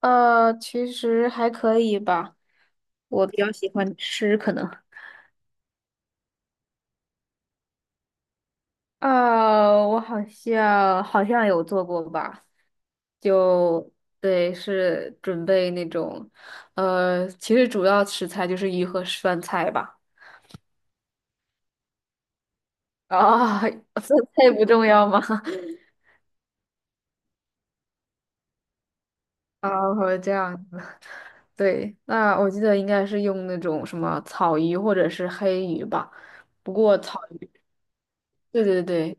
其实还可以吧。我比较喜欢吃，可能啊，我好像有做过吧，就对，是准备那种，其实主要食材就是鱼和酸菜吧。啊，酸菜不重要吗？啊，我这样，对，那我记得应该是用那种什么草鱼或者是黑鱼吧，不过草鱼，对对对，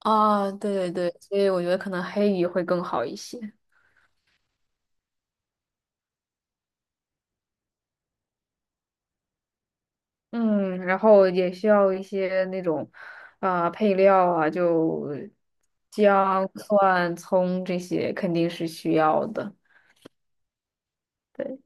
啊，对对对，所以我觉得可能黑鱼会更好一些。嗯，然后也需要一些那种啊、配料啊，就姜、蒜、葱这些肯定是需要的。对，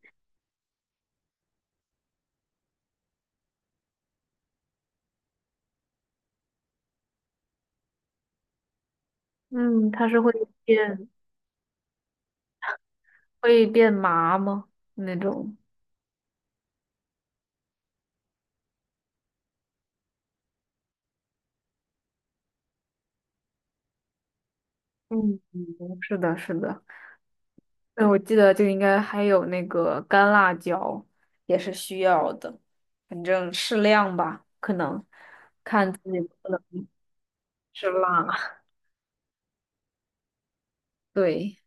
嗯，它是会变会变麻吗？那种。嗯，嗯是的，是的。那我记得就应该还有那个干辣椒也是需要的，反正适量吧，可能看自己能不能吃辣。对，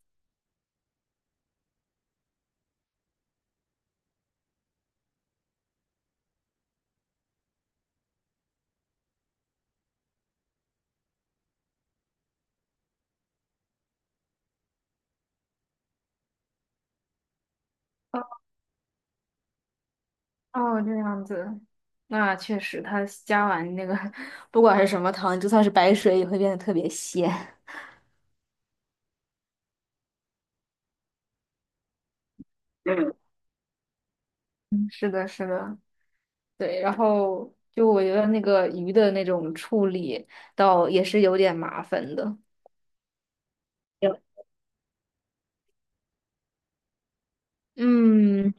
哦，哦这样子，那确实，它加完那个，不管是什么糖，就算是白水也会变得特别鲜。嗯 是的，是的，对。然后就我觉得那个鱼的那种处理，倒也是有点麻烦的。有嗯，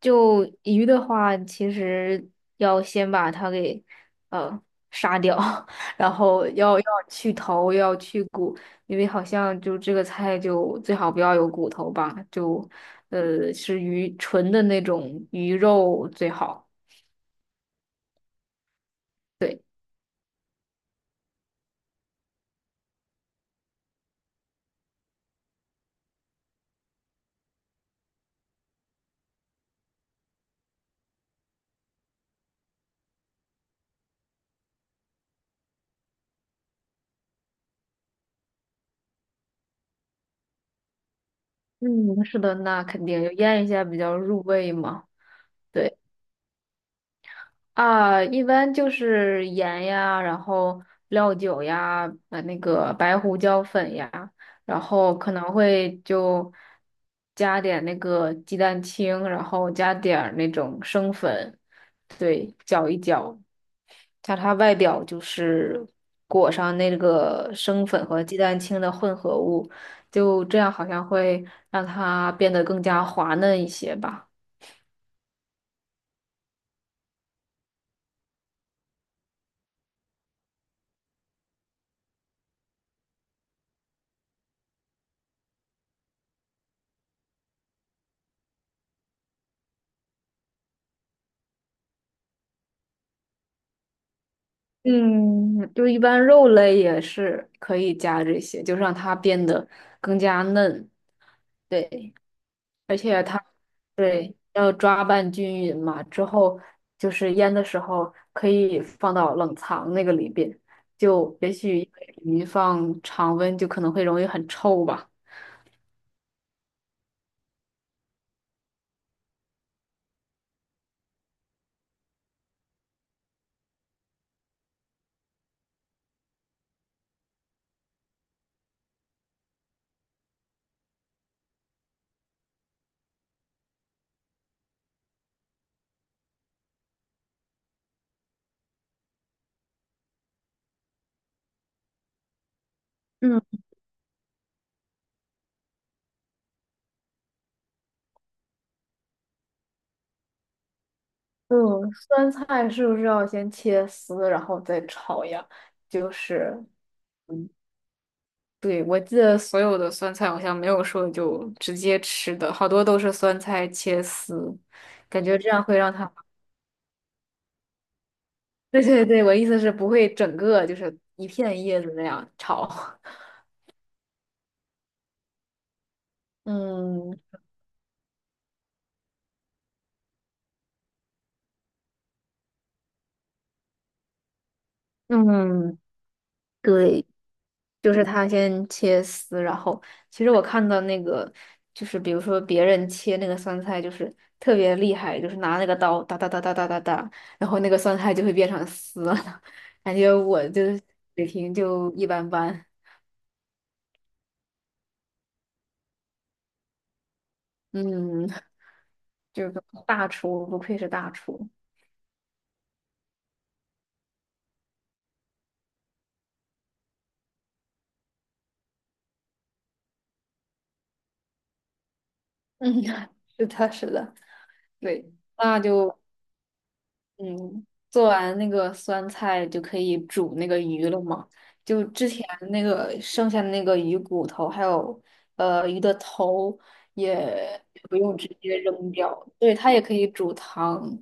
就鱼的话，其实要先把它给呃杀掉，然后要去头，要去骨，因为好像就这个菜就最好不要有骨头吧，就是鱼纯的那种鱼肉最好。对，嗯，是的，那肯定就腌一下比较入味嘛。对。啊，一般就是盐呀，然后料酒呀，那个白胡椒粉呀，然后可能会就加点那个鸡蛋清，然后加点儿那种生粉，对，搅一搅，加它外表就是裹上那个生粉和鸡蛋清的混合物，就这样好像会让它变得更加滑嫩一些吧。嗯，就一般肉类也是可以加这些，就让它变得更加嫩。对，而且它对要抓拌均匀嘛，之后就是腌的时候可以放到冷藏那个里边，就也许因为鱼放常温就可能会容易很臭吧。嗯，嗯，酸菜是不是要先切丝，然后再炒呀？就是。嗯。对，我记得所有的酸菜好像没有说就直接吃的，好多都是酸菜切丝，感觉这样会让它……对对对，我意思是不会整个就是一片叶子那样炒。嗯嗯，对，就是它先切丝，然后其实我看到那个就是比如说别人切那个酸菜就是特别厉害，就是拿那个刀哒哒哒哒哒哒哒，然后那个酸菜就会变成丝了，感觉我就是水平就一般般。嗯，这个大厨不愧是大厨。嗯，是的，是的，对，那就嗯，做完那个酸菜就可以煮那个鱼了嘛。就之前那个剩下的那个鱼骨头，还有鱼的头，也不用直接扔掉，对，它也可以煮汤。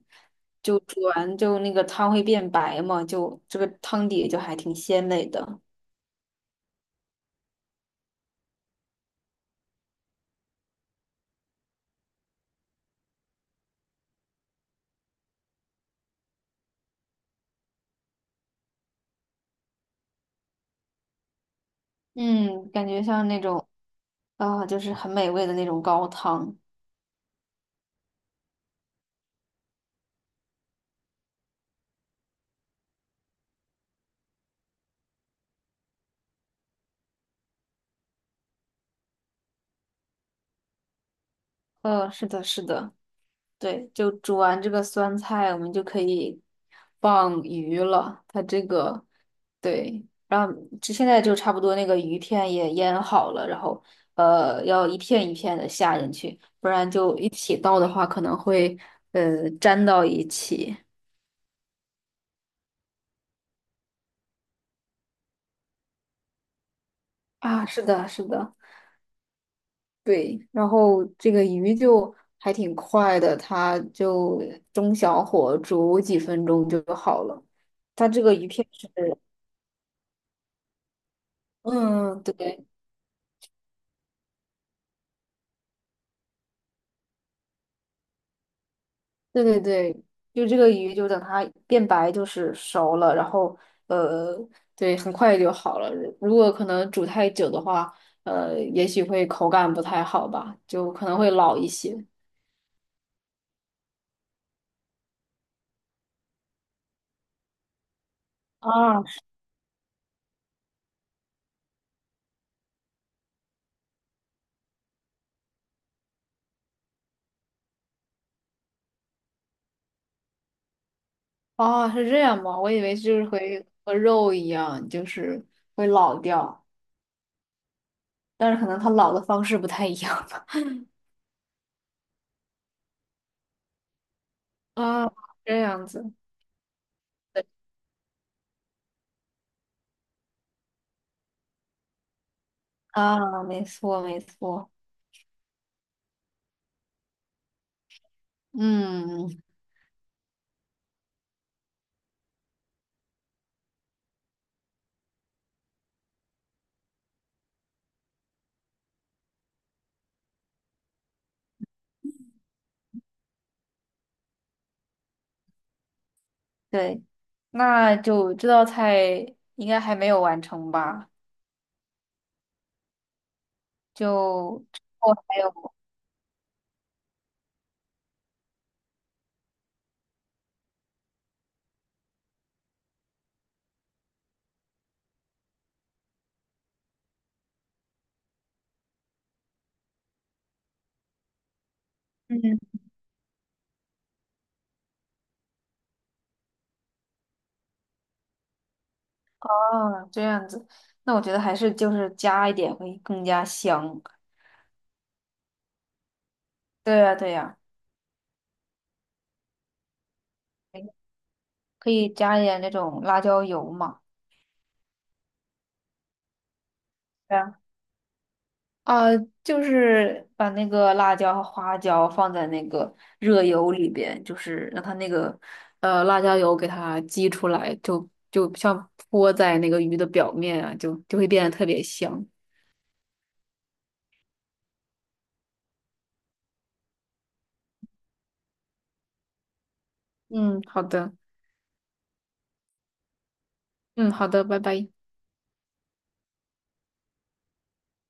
就煮完就那个汤会变白嘛，就这个汤底就还挺鲜美的。嗯，感觉像那种。啊，就是很美味的那种高汤。是的，是的，对，就煮完这个酸菜，我们就可以放鱼了。它这个，对，然后这现在就差不多，那个鱼片也腌好了，然后要一片一片的下进去，不然就一起倒的话，可能会粘到一起。啊，是的，是的。对，然后这个鱼就还挺快的，它就中小火煮几分钟就好了。它这个鱼片是，嗯，对，对对对，就这个鱼就等它变白就是熟了，然后呃，对，很快就好了。如果可能煮太久的话，也许会口感不太好吧，就可能会老一些。啊，哦，是这样吗？我以为就是会和肉一样，就是会老掉。但是可能他老的方式不太一样吧。啊，这样子，对啊，没错没错，嗯，对，那就这道菜应该还没有完成吧？就我还有，嗯，啊，这样子，那我觉得还是就是加一点会更加香。对呀对呀，可以加一点那种辣椒油嘛。对啊啊，就是把那个辣椒和花椒放在那个热油里边，就是让它那个辣椒油给它激出来，就就像泼在那个鱼的表面啊，就就会变得特别香。嗯，好的，嗯，好的，拜拜。